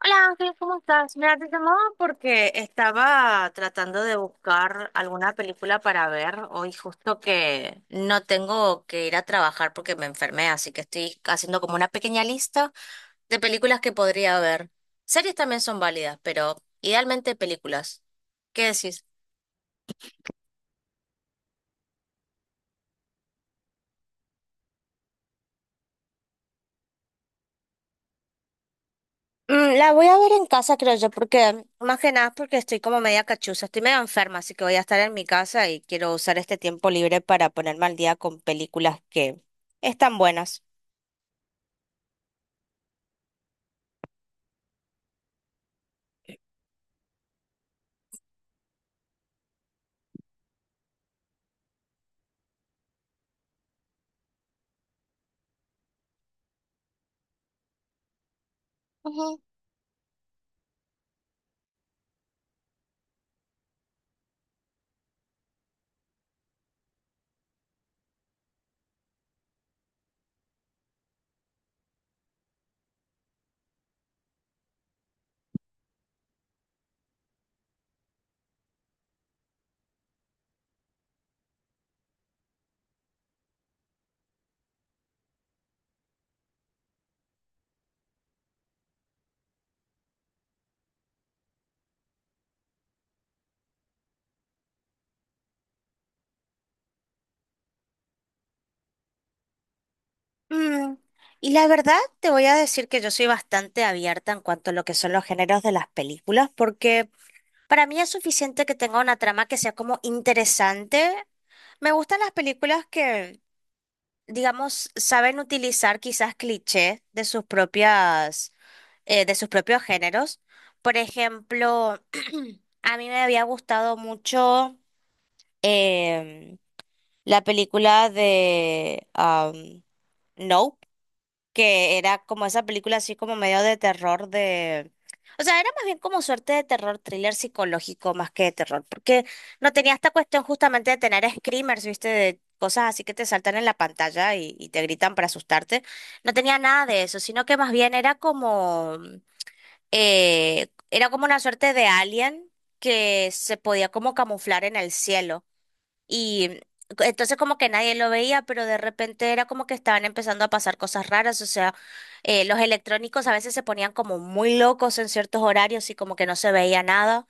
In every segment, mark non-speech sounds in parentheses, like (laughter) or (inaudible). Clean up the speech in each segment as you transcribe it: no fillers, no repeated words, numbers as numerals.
Hola Ángel, ¿cómo estás? Mira, te llamaba porque estaba tratando de buscar alguna película para ver. Hoy justo que no tengo que ir a trabajar porque me enfermé, así que estoy haciendo como una pequeña lista de películas que podría ver. Series también son válidas, pero idealmente películas. ¿Qué decís? La voy a ver en casa, creo yo, porque más que nada porque estoy como media cachuza, estoy medio enferma, así que voy a estar en mi casa y quiero usar este tiempo libre para ponerme al día con películas que están buenas. Ujú. Mm, Y la verdad, te voy a decir que yo soy bastante abierta en cuanto a lo que son los géneros de las películas, porque para mí es suficiente que tenga una trama que sea como interesante. Me gustan las películas que digamos, saben utilizar quizás clichés de sus propias, de sus propios géneros. Por ejemplo, (clears throat) a mí me había gustado mucho em, la película de No, que era como esa película así como medio de terror de... O sea, era más bien como suerte de terror, thriller psicológico más que de terror, porque no tenía esta cuestión justamente de tener screamers, ¿viste? De cosas así que te saltan en la pantalla y te gritan para asustarte. No tenía nada de eso, sino que más bien era como una suerte de alien que se podía como camuflar en el cielo. Y entonces como que nadie lo veía, pero de repente era como que estaban empezando a pasar cosas raras, o sea, los electrónicos a veces se ponían como muy locos en ciertos horarios y como que no se veía nada.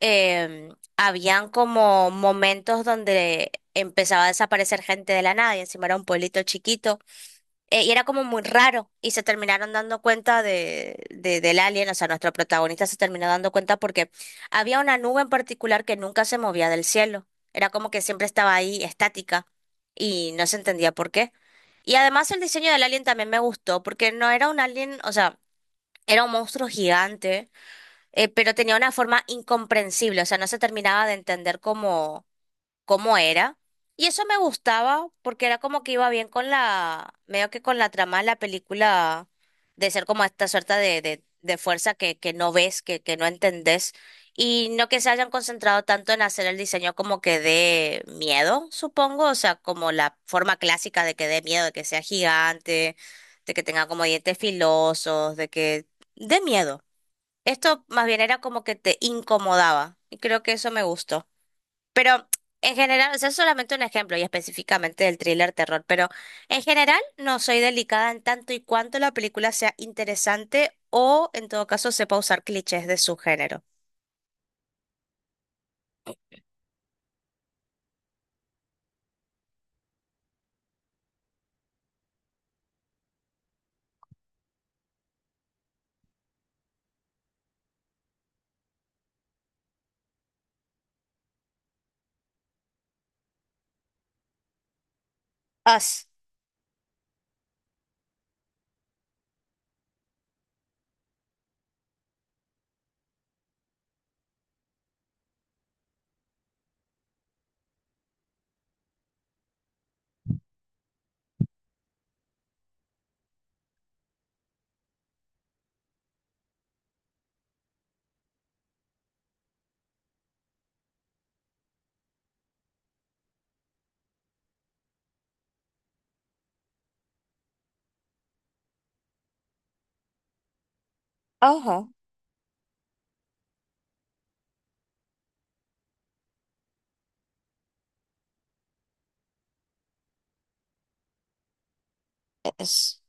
Em, habían como momentos donde empezaba a desaparecer gente de la nada y encima era un pueblito chiquito. Y era como muy raro y se terminaron dando cuenta del alien, o sea, nuestro protagonista se terminó dando cuenta porque había una nube en particular que nunca se movía del cielo, era como que siempre estaba ahí estática y no se entendía por qué. Y además el diseño del alien también me gustó porque no era un alien, o sea, era un monstruo gigante, pero tenía una forma incomprensible, o sea, no se terminaba de entender cómo era. Y eso me gustaba porque era como que iba bien con la, medio que con la trama de la película, de ser como esta suerte de fuerza que no ves, que no entendés. Y no que se hayan concentrado tanto en hacer el diseño como que dé miedo, supongo. O sea, como la forma clásica de que dé miedo, de que sea gigante, de que tenga como dientes filosos, de que dé miedo. Esto más bien era como que te incomodaba. Y creo que eso me gustó. Pero en general, o sea, es solamente un ejemplo y específicamente del thriller terror, pero en general no soy delicada en tanto y cuanto la película sea interesante o en todo caso sepa usar clichés de su género. Us. Ojo, es.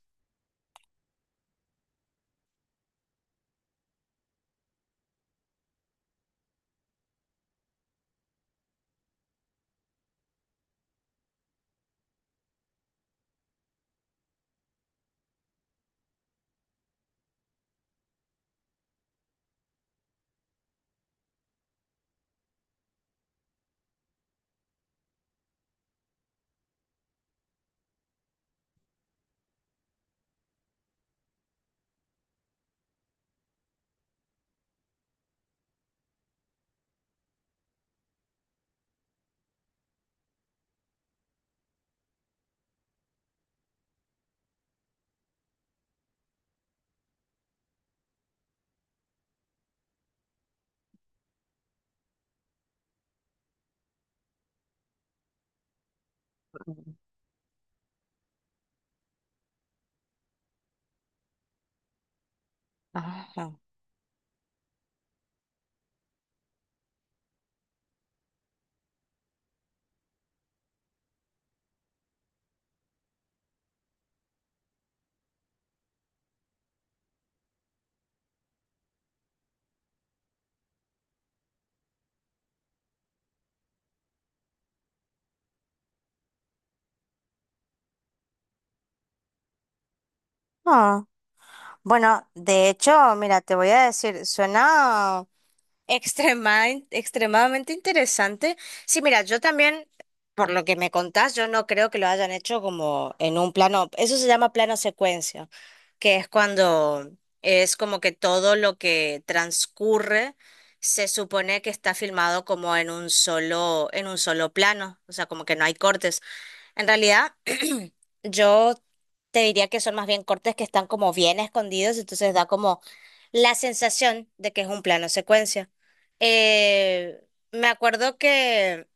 Ajá. Ah, bueno, de hecho, mira, te voy a decir, suena. Extremadamente interesante. Sí, mira, yo también, por lo que me contás, yo no creo que lo hayan hecho como en un plano, eso se llama plano secuencia, que es cuando es como que todo lo que transcurre se supone que está filmado como en un solo plano, o sea, como que no hay cortes. En realidad, yo te diría que son más bien cortes que están como bien escondidos, entonces da como la sensación de que es un plano secuencia. Eh, me acuerdo que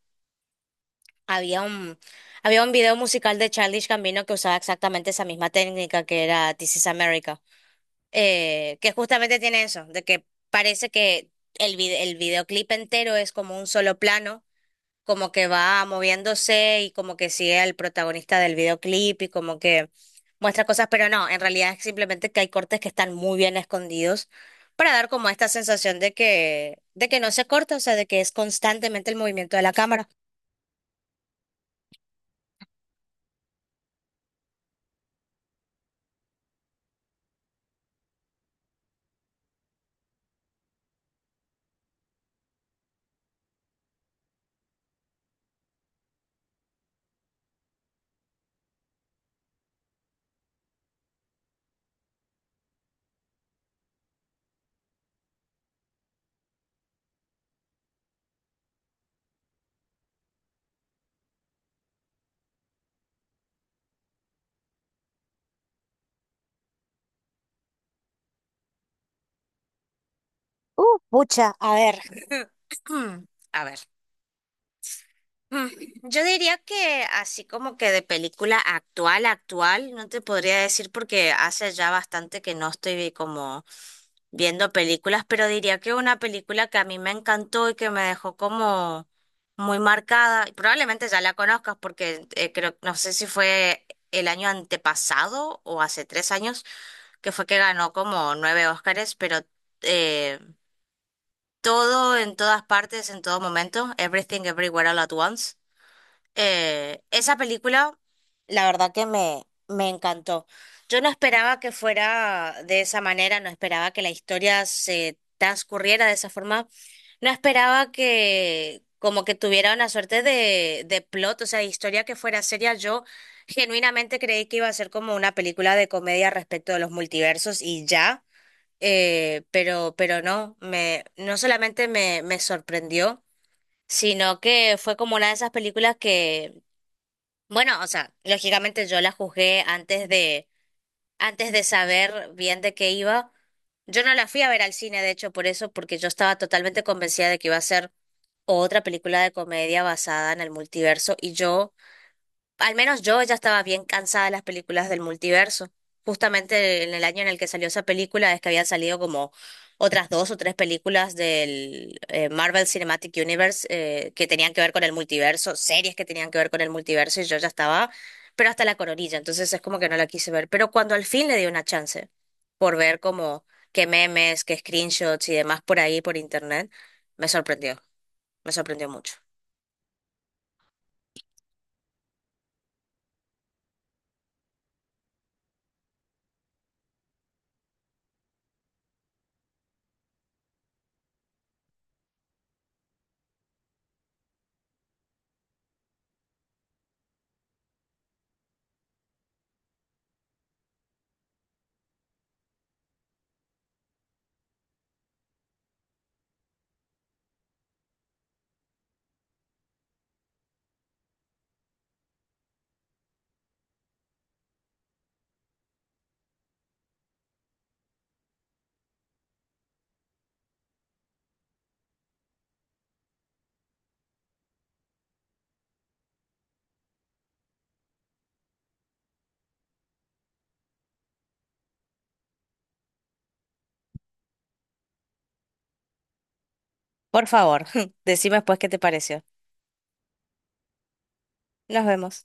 había un, había un video musical de Childish Gambino que usaba exactamente esa misma técnica que era This is America, que justamente tiene eso, de que parece que el videoclip entero es como un solo plano, como que va moviéndose y como que sigue al protagonista del videoclip y como que muestra cosas, pero no, en realidad es simplemente que hay cortes que están muy bien escondidos para dar como esta sensación de de que no se corta, o sea, de que es constantemente el movimiento de la cámara. Pucha, a ver. (clears throat) A ver. Mm, (laughs) yo diría que así como que de película actual, actual, no te podría decir porque hace ya bastante que no estoy como viendo películas, pero diría que una película que a mí me encantó y que me dejó como muy marcada, y probablemente ya la conozcas porque creo, no sé si fue el año antepasado o hace 3 años, que fue que ganó como nueve Óscares, pero eh, todo en todas partes, en todo momento, Everything Everywhere All at Once. Esa película, la verdad que me encantó. Yo no esperaba que fuera de esa manera, no esperaba que la historia se transcurriera de esa forma, no esperaba que como que tuviera una suerte de plot, o sea, de historia que fuera seria. Yo genuinamente creí que iba a ser como una película de comedia respecto de los multiversos y ya, pero no, no solamente me sorprendió, sino que fue como una de esas películas que bueno, o sea, lógicamente yo la juzgué antes de saber bien de qué iba. Yo no la fui a ver al cine, de hecho, por eso, porque yo estaba totalmente convencida de que iba a ser otra película de comedia basada en el multiverso y yo, al menos yo ya estaba bien cansada de las películas del multiverso. Justamente en el año en el que salió esa película es que habían salido como otras dos o tres películas del Marvel Cinematic Universe, que tenían que ver con el multiverso, series que tenían que ver con el multiverso y yo ya estaba, pero hasta la coronilla, entonces es como que no la quise ver. Pero cuando al fin le di una chance por ver como qué memes, qué screenshots y demás por ahí, por internet, me sorprendió, me sorprendió mucho. Por favor, (laughs) decime después qué te pareció. Nos vemos.